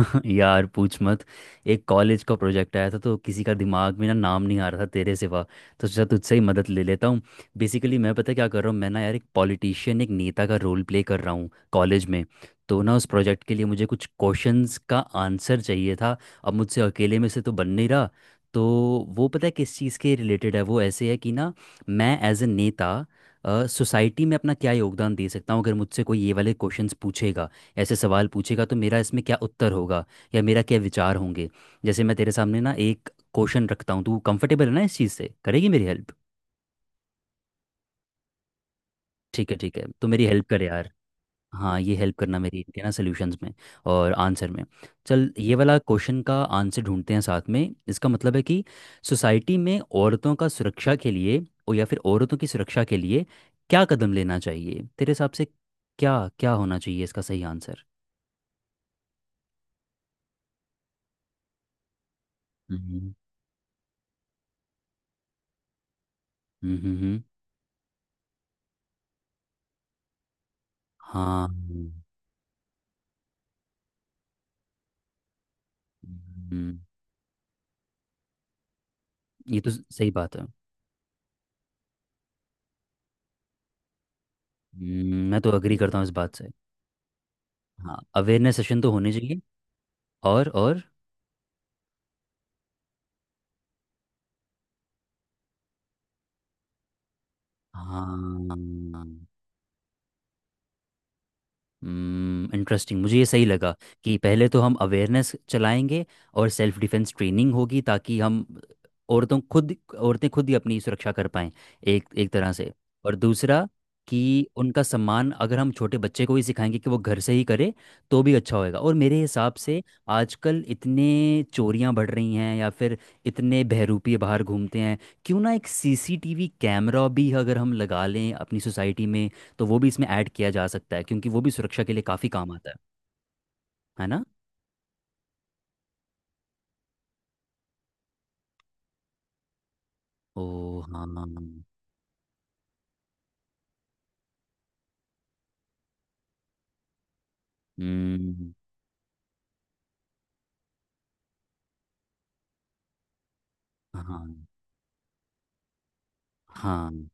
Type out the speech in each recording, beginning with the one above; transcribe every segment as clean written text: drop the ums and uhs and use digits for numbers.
यार पूछ मत। एक कॉलेज का प्रोजेक्ट आया था, तो किसी का दिमाग में ना नाम नहीं आ रहा था तेरे सिवा। तो सोचा तुझसे ही मदद ले लेता हूँ। बेसिकली मैं पता है क्या कर रहा हूँ, मैं ना यार एक पॉलिटिशियन, एक नेता का रोल प्ले कर रहा हूँ कॉलेज में। तो ना उस प्रोजेक्ट के लिए मुझे कुछ क्वेश्चंस का आंसर चाहिए था। अब मुझसे अकेले में से तो बन नहीं रहा, तो वो पता है किस चीज़ के रिलेटेड है। वो ऐसे है कि ना, मैं एज ए नेता सोसाइटी में अपना क्या योगदान दे सकता हूँ, अगर मुझसे कोई ये वाले क्वेश्चंस पूछेगा, ऐसे सवाल पूछेगा, तो मेरा इसमें क्या उत्तर होगा या मेरा क्या विचार होंगे। जैसे मैं तेरे सामने ना एक क्वेश्चन रखता हूँ, तू कंफर्टेबल है ना इस चीज़ से? करेगी मेरी हेल्प? ठीक है ठीक है, तो मेरी हेल्प कर यार। हाँ, ये हेल्प करना मेरी, इनके ना सोल्यूशंस में और आंसर में। चल ये वाला क्वेश्चन का आंसर ढूंढते हैं साथ में। इसका मतलब है कि सोसाइटी में औरतों का सुरक्षा के लिए, और या फिर औरतों की सुरक्षा के लिए क्या कदम लेना चाहिए तेरे हिसाब से? क्या क्या होना चाहिए इसका सही आंसर? हम्म। हम्म। हम्म। हाँ। हम्म, ये तो सही बात है। मैं तो अग्री करता हूँ इस बात से। हाँ, अवेयरनेस सेशन तो होने चाहिए। और। हाँ, इंटरेस्टिंग, मुझे ये सही लगा कि पहले तो हम अवेयरनेस चलाएंगे और सेल्फ डिफेंस ट्रेनिंग होगी, ताकि हम औरतों खुद औरतें खुद ही अपनी सुरक्षा कर पाएं, एक एक तरह से। और दूसरा, कि उनका सम्मान अगर हम छोटे बच्चे को ही सिखाएंगे कि वो घर से ही करे, तो भी अच्छा होएगा। और मेरे हिसाब से आजकल इतने चोरियां बढ़ रही हैं या फिर इतने बहरूपी बाहर घूमते हैं, क्यों ना एक सीसीटीवी कैमरा भी अगर हम लगा लें अपनी सोसाइटी में, तो वो भी इसमें ऐड किया जा सकता है, क्योंकि वो भी सुरक्षा के लिए काफ़ी काम आता है ना? ओ। हाँ। हम्म। हाँ हाँ।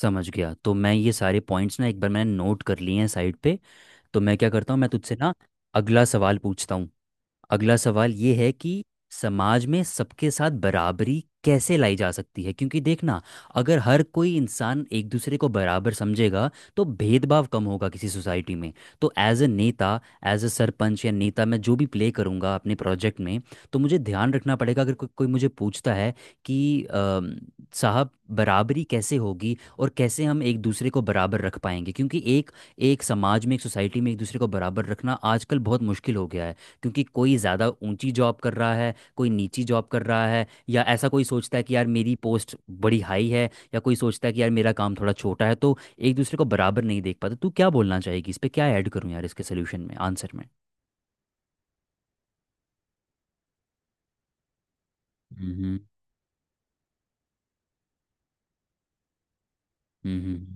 समझ गया। तो मैं ये सारे पॉइंट्स ना एक बार मैंने नोट कर लिए हैं साइड पे। तो मैं क्या करता हूँ, मैं तुझसे ना अगला सवाल पूछता हूँ। अगला सवाल ये है कि समाज में सबके साथ बराबरी कैसे लाई जा सकती है? क्योंकि देखना, अगर हर कोई इंसान एक दूसरे को बराबर समझेगा तो भेदभाव कम होगा किसी सोसाइटी में। तो एज अ नेता, एज अ सरपंच या नेता मैं जो भी प्ले करूँगा अपने प्रोजेक्ट में, तो मुझे ध्यान रखना पड़ेगा, अगर कोई मुझे पूछता है कि साहब, बराबरी कैसे होगी और कैसे हम एक दूसरे को बराबर रख पाएंगे, क्योंकि एक एक समाज में, एक सोसाइटी में एक दूसरे को बराबर रखना आजकल बहुत मुश्किल हो गया है। क्योंकि कोई ज़्यादा ऊंची जॉब कर रहा है, कोई नीची जॉब कर रहा है, या ऐसा कोई सोचता है कि यार मेरी पोस्ट बड़ी हाई है, या कोई सोचता है कि यार मेरा काम थोड़ा छोटा है, तो एक दूसरे को बराबर नहीं देख पाता। तू क्या बोलना चाहेगी इस पे? क्या ऐड करूं यार इसके सोल्यूशन में, आंसर में? हम्म। हम्म।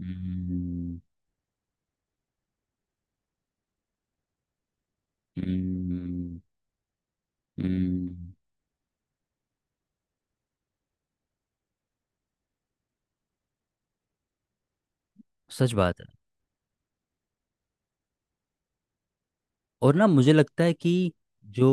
हम्म। हम्म। हम्म, सच बात है। और ना मुझे लगता है कि जो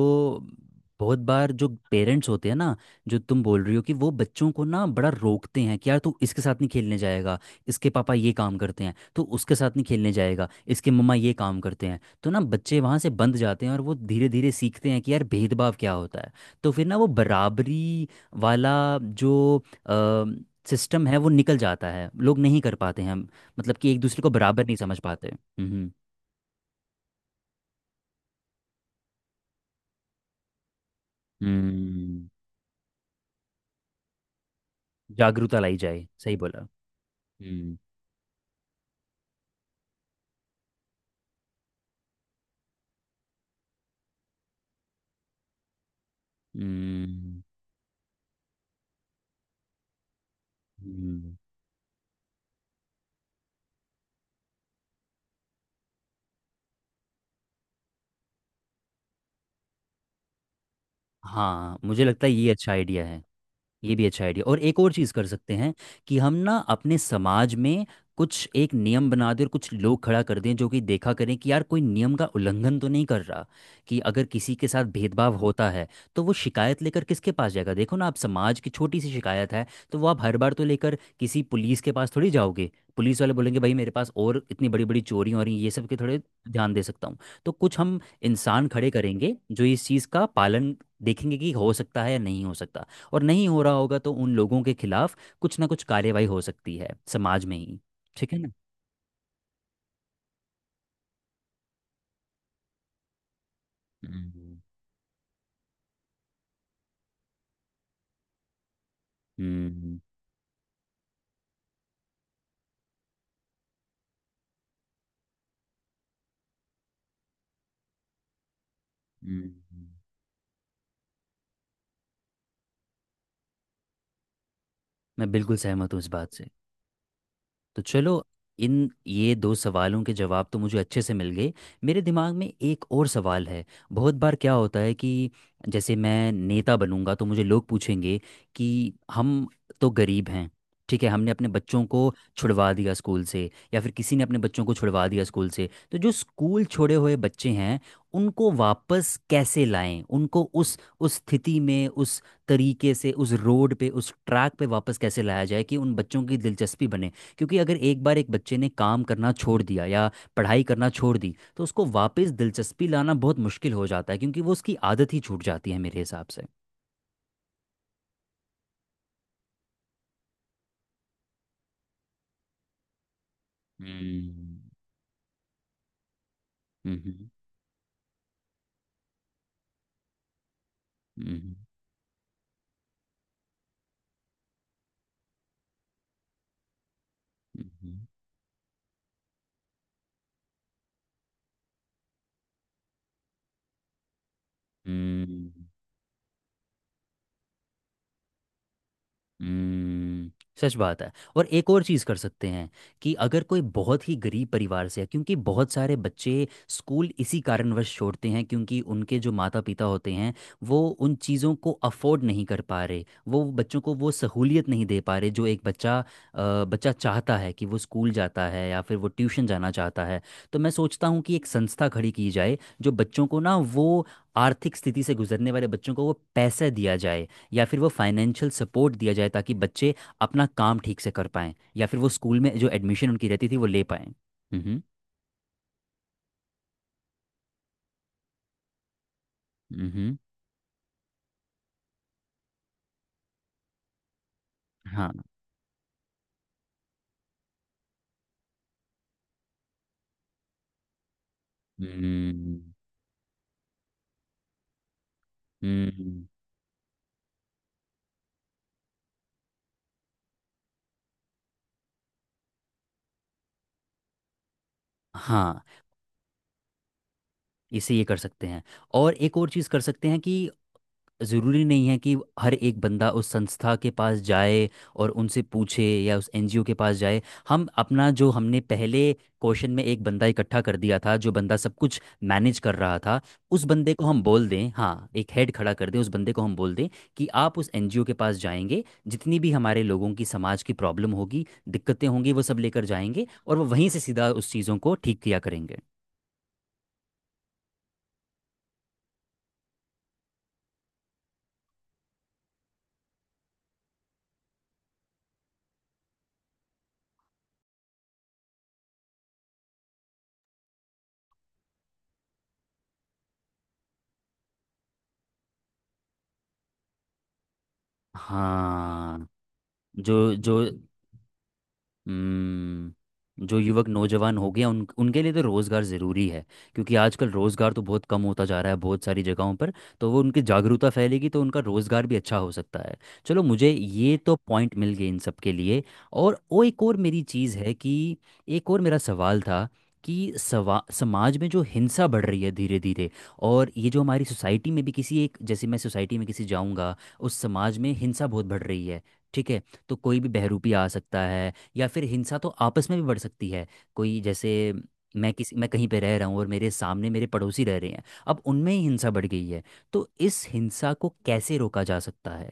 बहुत बार जो पेरेंट्स होते हैं ना, जो तुम बोल रही हो, कि वो बच्चों को ना बड़ा रोकते हैं कि यार तू इसके साथ नहीं खेलने जाएगा, इसके पापा ये काम करते हैं, तू उसके साथ नहीं खेलने जाएगा, इसके मम्मा ये काम करते हैं, तो ना बच्चे वहाँ से बंद जाते हैं और वो धीरे धीरे सीखते हैं कि यार भेदभाव क्या होता है। तो फिर ना वो बराबरी वाला जो सिस्टम है वो निकल जाता है, लोग नहीं कर पाते हैं, मतलब कि एक दूसरे को बराबर नहीं समझ पाते। हम्म। हम्म। जागरूकता लाई जाए, सही बोला। हम्म। हम्म। हम्म, हाँ मुझे लगता है ये अच्छा आइडिया है। ये भी अच्छा आइडिया, और एक और चीज़ कर सकते हैं कि हम ना अपने समाज में कुछ एक नियम बना दें और कुछ लोग खड़ा कर दें, जो कि देखा करें कि यार कोई नियम का उल्लंघन तो नहीं कर रहा, कि अगर किसी के साथ भेदभाव होता है, तो वो शिकायत लेकर किसके पास जाएगा? देखो ना, आप समाज की छोटी सी शिकायत है, तो वो आप हर बार तो लेकर किसी पुलिस के पास थोड़ी जाओगे। पुलिस वाले बोलेंगे भाई मेरे पास और इतनी बड़ी बड़ी चोरियां हो रही हैं, ये सब के थोड़े ध्यान दे सकता हूँ। तो कुछ हम इंसान खड़े करेंगे जो इस चीज़ का पालन देखेंगे कि हो सकता है या नहीं हो सकता, और नहीं हो रहा होगा तो उन लोगों के खिलाफ कुछ ना कुछ कार्रवाई हो सकती है समाज में ही। ठीक है ना? हम्म। हम्म। हम्म। मैं बिल्कुल सहमत हूँ इस बात से। तो चलो, इन ये दो सवालों के जवाब तो मुझे अच्छे से मिल गए। मेरे दिमाग में एक और सवाल है। बहुत बार क्या होता है कि जैसे मैं नेता बनूंगा तो मुझे लोग पूछेंगे कि हम तो गरीब हैं, ठीक है, हमने अपने बच्चों को छुड़वा दिया स्कूल से, या फिर किसी ने अपने बच्चों को छुड़वा दिया स्कूल से, तो जो स्कूल छोड़े हुए बच्चे हैं उनको वापस कैसे लाएं? उनको उस स्थिति में, उस तरीके से, उस रोड पे, उस ट्रैक पे वापस कैसे लाया जाए कि उन बच्चों की दिलचस्पी बने? क्योंकि अगर एक बार एक बच्चे ने काम करना छोड़ दिया या पढ़ाई करना छोड़ दी, तो उसको वापस दिलचस्पी लाना बहुत मुश्किल हो जाता है, क्योंकि वो उसकी आदत ही छूट जाती है मेरे हिसाब से। हम्म। हम्म। हम्म। हम्म। हम्म, हम्म। हम्म। सच बात है। और एक और चीज़ कर सकते हैं कि अगर कोई बहुत ही गरीब परिवार से है, क्योंकि बहुत सारे बच्चे स्कूल इसी कारणवश छोड़ते हैं, क्योंकि उनके जो माता पिता होते हैं वो उन चीज़ों को अफोर्ड नहीं कर पा रहे, वो बच्चों को वो सहूलियत नहीं दे पा रहे जो एक बच्चा चाहता है कि वो स्कूल जाता है या फिर वो ट्यूशन जाना चाहता है। तो मैं सोचता हूँ कि एक संस्था खड़ी की जाए जो बच्चों को ना, वो आर्थिक स्थिति से गुजरने वाले बच्चों को वो पैसा दिया जाए, या फिर वो फाइनेंशियल सपोर्ट दिया जाए, ताकि बच्चे अपना काम ठीक से कर पाएं या फिर वो स्कूल में जो एडमिशन उनकी रहती थी वो ले पाएं। हम्म। हम्म। हाँ। हम्म। हम्म। हाँ, इसे ये कर सकते हैं। और एक और चीज़ कर सकते हैं कि ज़रूरी नहीं है कि हर एक बंदा उस संस्था के पास जाए और उनसे पूछे या उस एनजीओ के पास जाए। हम अपना जो हमने पहले क्वेश्चन में एक बंदा इकट्ठा कर दिया था, जो बंदा सब कुछ मैनेज कर रहा था, उस बंदे को हम बोल दें, हाँ, एक हेड खड़ा कर दें, उस बंदे को हम बोल दें कि आप उस एनजीओ के पास जाएंगे, जितनी भी हमारे लोगों की, समाज की प्रॉब्लम होगी, दिक्कतें होंगी, वो सब लेकर जाएंगे और वो वहीं से सीधा उस चीज़ों को ठीक किया करेंगे। हाँ। जो जो। जो युवक नौजवान हो गया उन उनके लिए तो रोज़गार ज़रूरी है। क्योंकि आजकल रोज़गार तो बहुत कम होता जा रहा है बहुत सारी जगहों पर, तो वो उनकी जागरूकता फैलेगी तो उनका रोज़गार भी अच्छा हो सकता है। चलो मुझे ये तो पॉइंट मिल गए इन सब के लिए। और वो एक और मेरी चीज़ है कि एक और मेरा सवाल था कि सवा समाज में जो हिंसा बढ़ रही है धीरे धीरे, और ये जो हमारी सोसाइटी में भी, किसी एक जैसे मैं सोसाइटी में किसी जाऊंगा, उस समाज में हिंसा बहुत बढ़ रही है, ठीक है? तो कोई भी बहरूपी आ सकता है या फिर हिंसा तो आपस में भी बढ़ सकती है। कोई जैसे, मैं कहीं पे रह रहा हूँ और मेरे सामने मेरे पड़ोसी रह रहे हैं, अब उनमें ही हिंसा बढ़ गई है, तो इस हिंसा को कैसे रोका जा सकता है?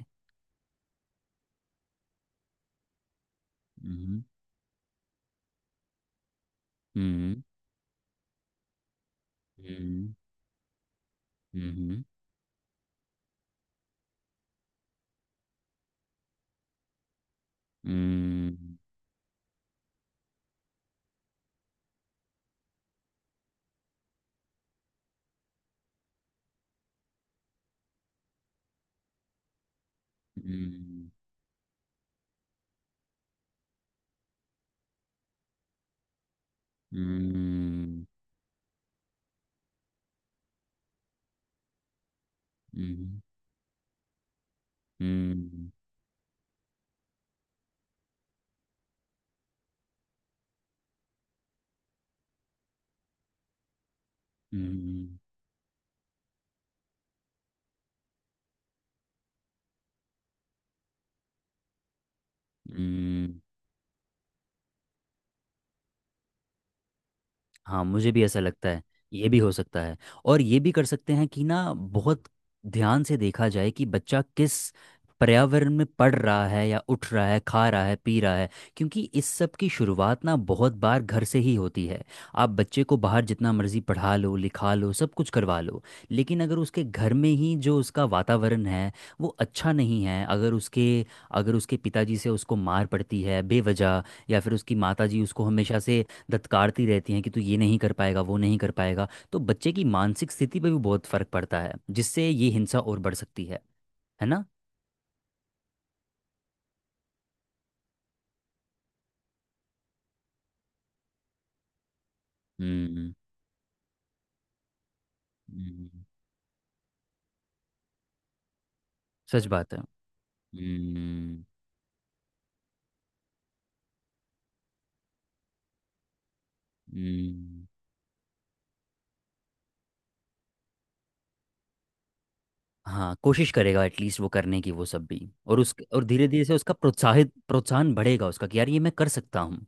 हम्म। हम्म। हम्म। हम्म। हम्म। हम्म। हम्म। हम्म। हम्म। हम्म। हम्म हाँ मुझे भी ऐसा लगता है, ये भी हो सकता है। और ये भी कर सकते हैं कि ना, बहुत ध्यान से देखा जाए कि बच्चा किस पर्यावरण में पढ़ रहा है, या उठ रहा है, खा रहा है, पी रहा है, क्योंकि इस सब की शुरुआत ना बहुत बार घर से ही होती है। आप बच्चे को बाहर जितना मर्जी पढ़ा लो, लिखा लो, सब कुछ करवा लो, लेकिन अगर उसके घर में ही जो उसका वातावरण है वो अच्छा नहीं है, अगर उसके पिताजी से उसको मार पड़ती है बेवजह, या फिर उसकी माताजी उसको हमेशा से दत्कारती रहती हैं कि तू ये नहीं कर पाएगा, वो नहीं कर पाएगा, तो बच्चे की मानसिक स्थिति पर भी बहुत फर्क पड़ता है, जिससे ये हिंसा और बढ़ सकती है ना? हम्म। हम्म, सच बात है। हम्म। हम्म, हाँ, कोशिश करेगा एटलीस्ट वो करने की, वो सब भी। और उस, और धीरे धीरे से उसका प्रोत्साहित प्रोत्साहन बढ़ेगा उसका कि यार ये मैं कर सकता हूँ।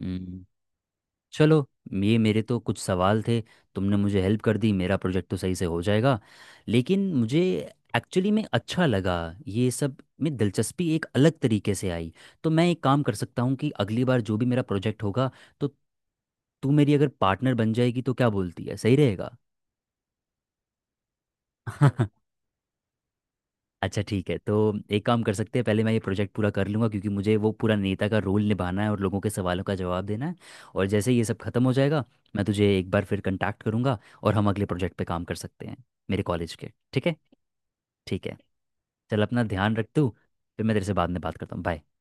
हम्म। चलो, ये मेरे तो कुछ सवाल थे। तुमने मुझे हेल्प कर दी, मेरा प्रोजेक्ट तो सही से हो जाएगा, लेकिन मुझे एक्चुअली में अच्छा लगा, ये सब में दिलचस्पी एक अलग तरीके से आई। तो मैं एक काम कर सकता हूँ कि अगली बार जो भी मेरा प्रोजेक्ट होगा, तो तू मेरी अगर पार्टनर बन जाएगी तो, क्या बोलती है, सही रहेगा? अच्छा ठीक है, तो एक काम कर सकते हैं, पहले मैं ये प्रोजेक्ट पूरा कर लूँगा, क्योंकि मुझे वो पूरा नेता का रोल निभाना है और लोगों के सवालों का जवाब देना है, और जैसे ही ये सब खत्म हो जाएगा मैं तुझे एक बार फिर कांटेक्ट करूँगा, और हम अगले प्रोजेक्ट पे काम कर सकते हैं मेरे कॉलेज के, ठीक है? ठीक है। चल अपना ध्यान रख तू। फिर मैं तेरे से बाद में बात करता हूँ। बाय।